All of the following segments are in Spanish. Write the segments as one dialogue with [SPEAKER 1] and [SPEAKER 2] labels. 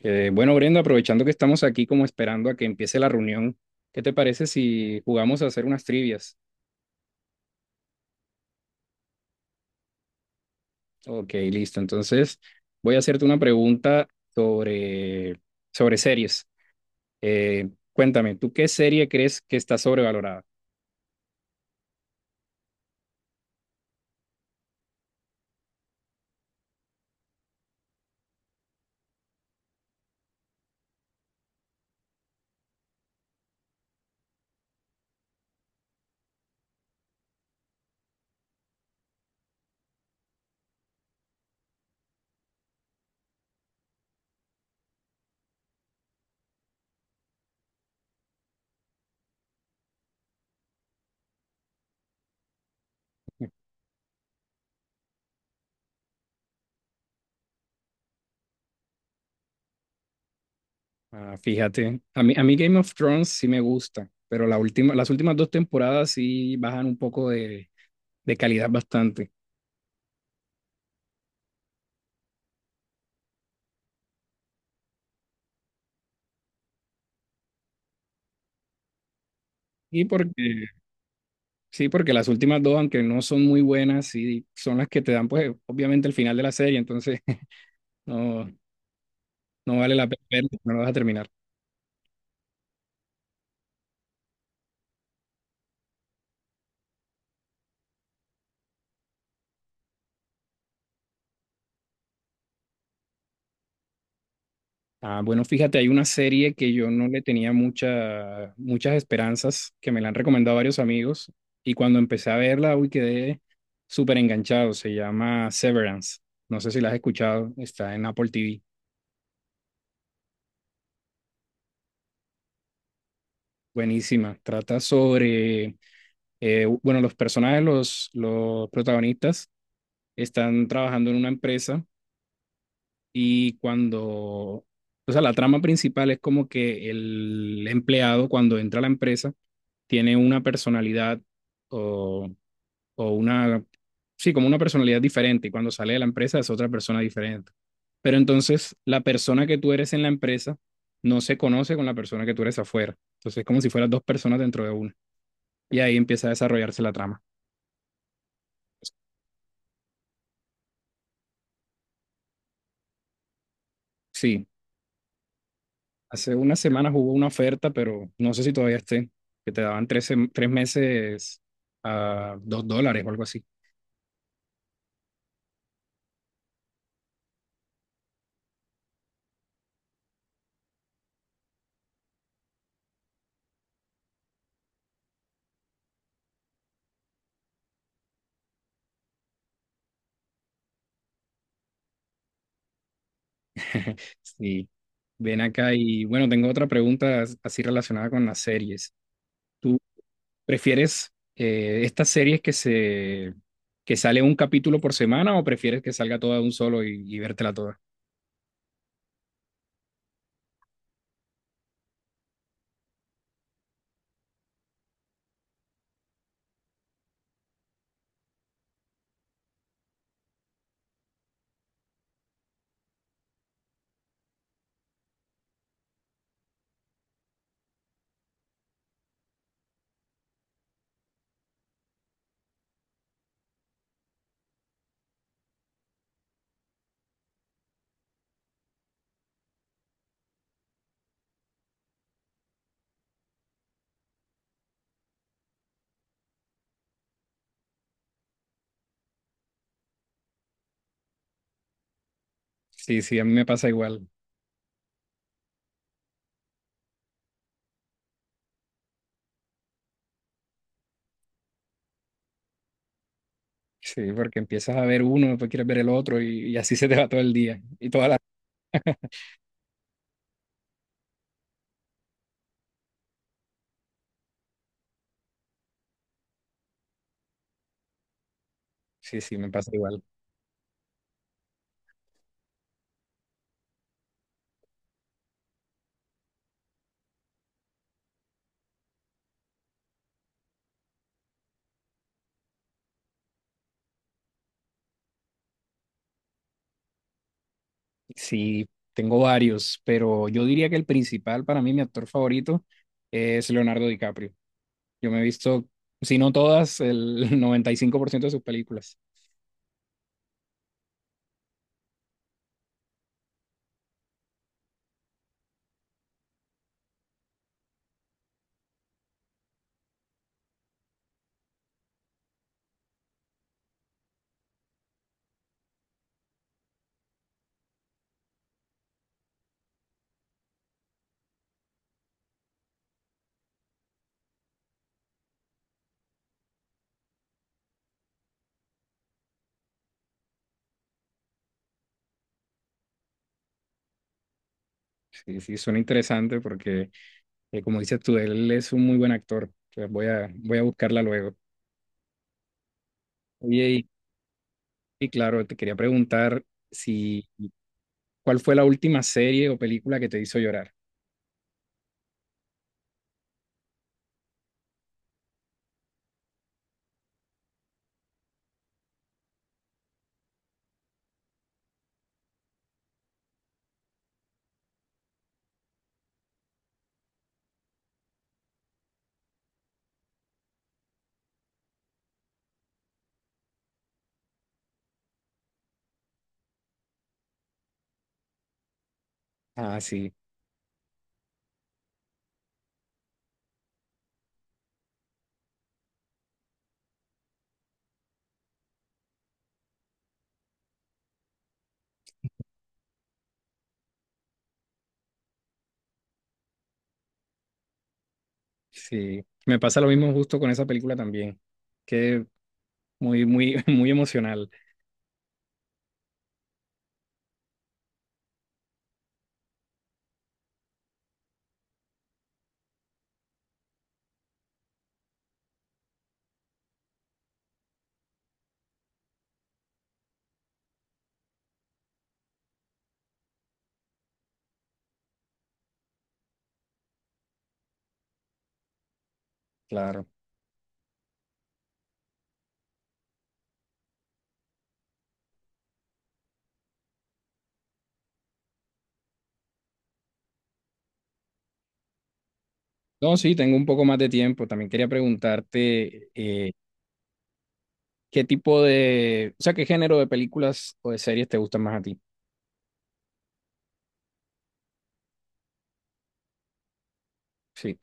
[SPEAKER 1] Bueno, Brenda, aprovechando que estamos aquí como esperando a que empiece la reunión, ¿qué te parece si jugamos a hacer unas trivias? Ok, listo. Entonces, voy a hacerte una pregunta sobre, sobre series. Cuéntame, ¿tú qué serie crees que está sobrevalorada? Ah, fíjate, a mí Game of Thrones sí me gusta, pero la última, las últimas dos temporadas sí bajan un poco de calidad bastante. Y porque Sí, porque las últimas dos, aunque no son muy buenas, sí son las que te dan, pues, obviamente el final de la serie, entonces no, no vale la pena verla, no lo vas a terminar. Ah, bueno, fíjate, hay una serie que yo no le tenía muchas esperanzas, que me la han recomendado varios amigos, y cuando empecé a verla, uy, quedé súper enganchado. Se llama Severance. No sé si la has escuchado, está en Apple TV. Buenísima. Trata sobre, bueno, los personajes, los protagonistas están trabajando en una empresa. O sea, la trama principal es como que el empleado cuando entra a la empresa tiene una personalidad o, o una, sí, como una personalidad diferente y cuando sale de la empresa es otra persona diferente. Pero entonces la persona que tú eres en la empresa no se conoce con la persona que tú eres afuera. Entonces es como si fueras dos personas dentro de una. Y ahí empieza a desarrollarse la trama. Sí. Hace una semana hubo una oferta, pero no sé si todavía esté, que te daban tres meses a dos dólares o algo así. Sí. Ven acá y bueno, tengo otra pregunta así relacionada con las series. ¿Tú prefieres estas series que sale un capítulo por semana o prefieres que salga toda de un solo y vértela toda? Sí, sí, a mí me pasa igual. Sí, porque empiezas a ver uno, después quieres ver el otro y así se te va todo el día y toda la... Sí, sí, me pasa igual. Sí, tengo varios, pero yo diría que el principal para mí, mi actor favorito, es Leonardo DiCaprio. Yo me he visto, si no todas, el 95% de sus películas. Sí, sí, suena interesante porque, como dices tú, él es un muy buen actor. Entonces, voy a buscarla luego. Oye, y, y claro, te quería preguntar si, ¿cuál fue la última serie o película que te hizo llorar? Ah, sí, sí. Me pasa lo mismo justo con esa película también, que muy emocional. Claro. No, sí, tengo un poco más de tiempo. También quería preguntarte qué tipo de, o sea, qué género de películas o de series te gustan más a ti. Sí,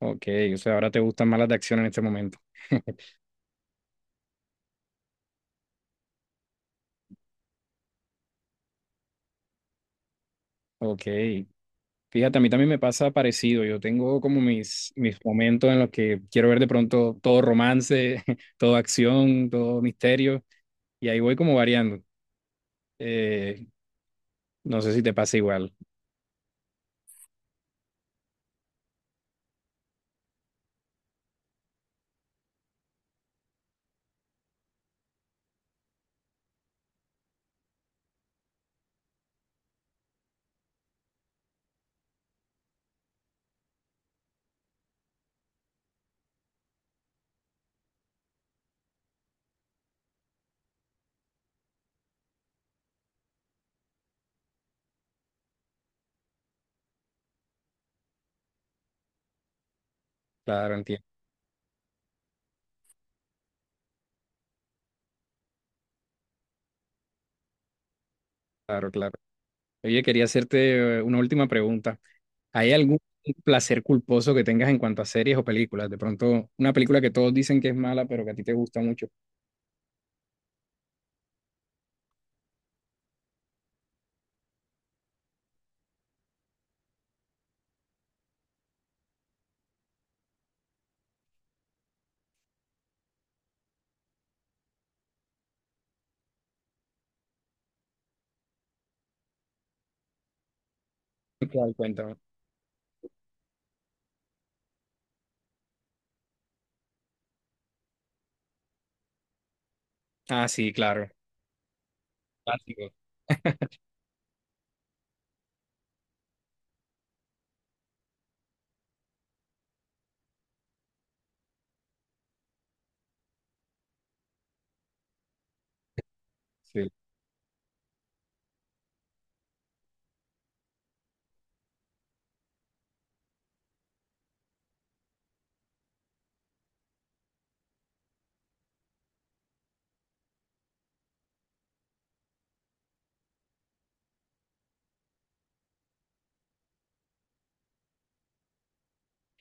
[SPEAKER 1] ok, o sea, ahora te gustan más las de acción en este momento. Ok, fíjate, a mí también me pasa parecido. Yo tengo como mis momentos en los que quiero ver de pronto todo romance, todo acción, todo misterio, y ahí voy como variando. Eh, no sé si te pasa igual. Claro, entiendo. Claro, claro. Oye, quería hacerte una última pregunta. ¿Hay algún placer culposo que tengas en cuanto a series o películas? De pronto, una película que todos dicen que es mala, pero que a ti te gusta mucho. ¿Cuál? Cuéntame. Ah, sí, claro. Clásico. Sí,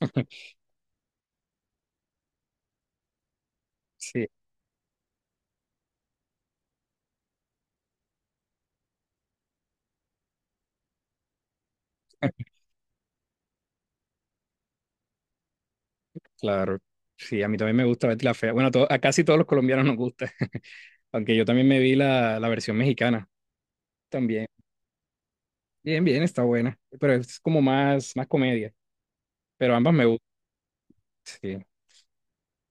[SPEAKER 1] sí, claro. Sí, a mí también me gusta Betty la Fea. Bueno, a casi todos los colombianos nos gusta, aunque yo también me vi la versión mexicana también. Bien, bien, está buena, pero es como más comedia, pero ambas me gustan. Sí.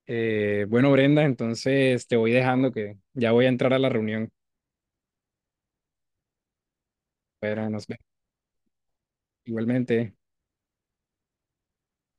[SPEAKER 1] Bueno, Brenda, entonces te voy dejando que ya voy a entrar a la reunión, pero nos vemos igualmente.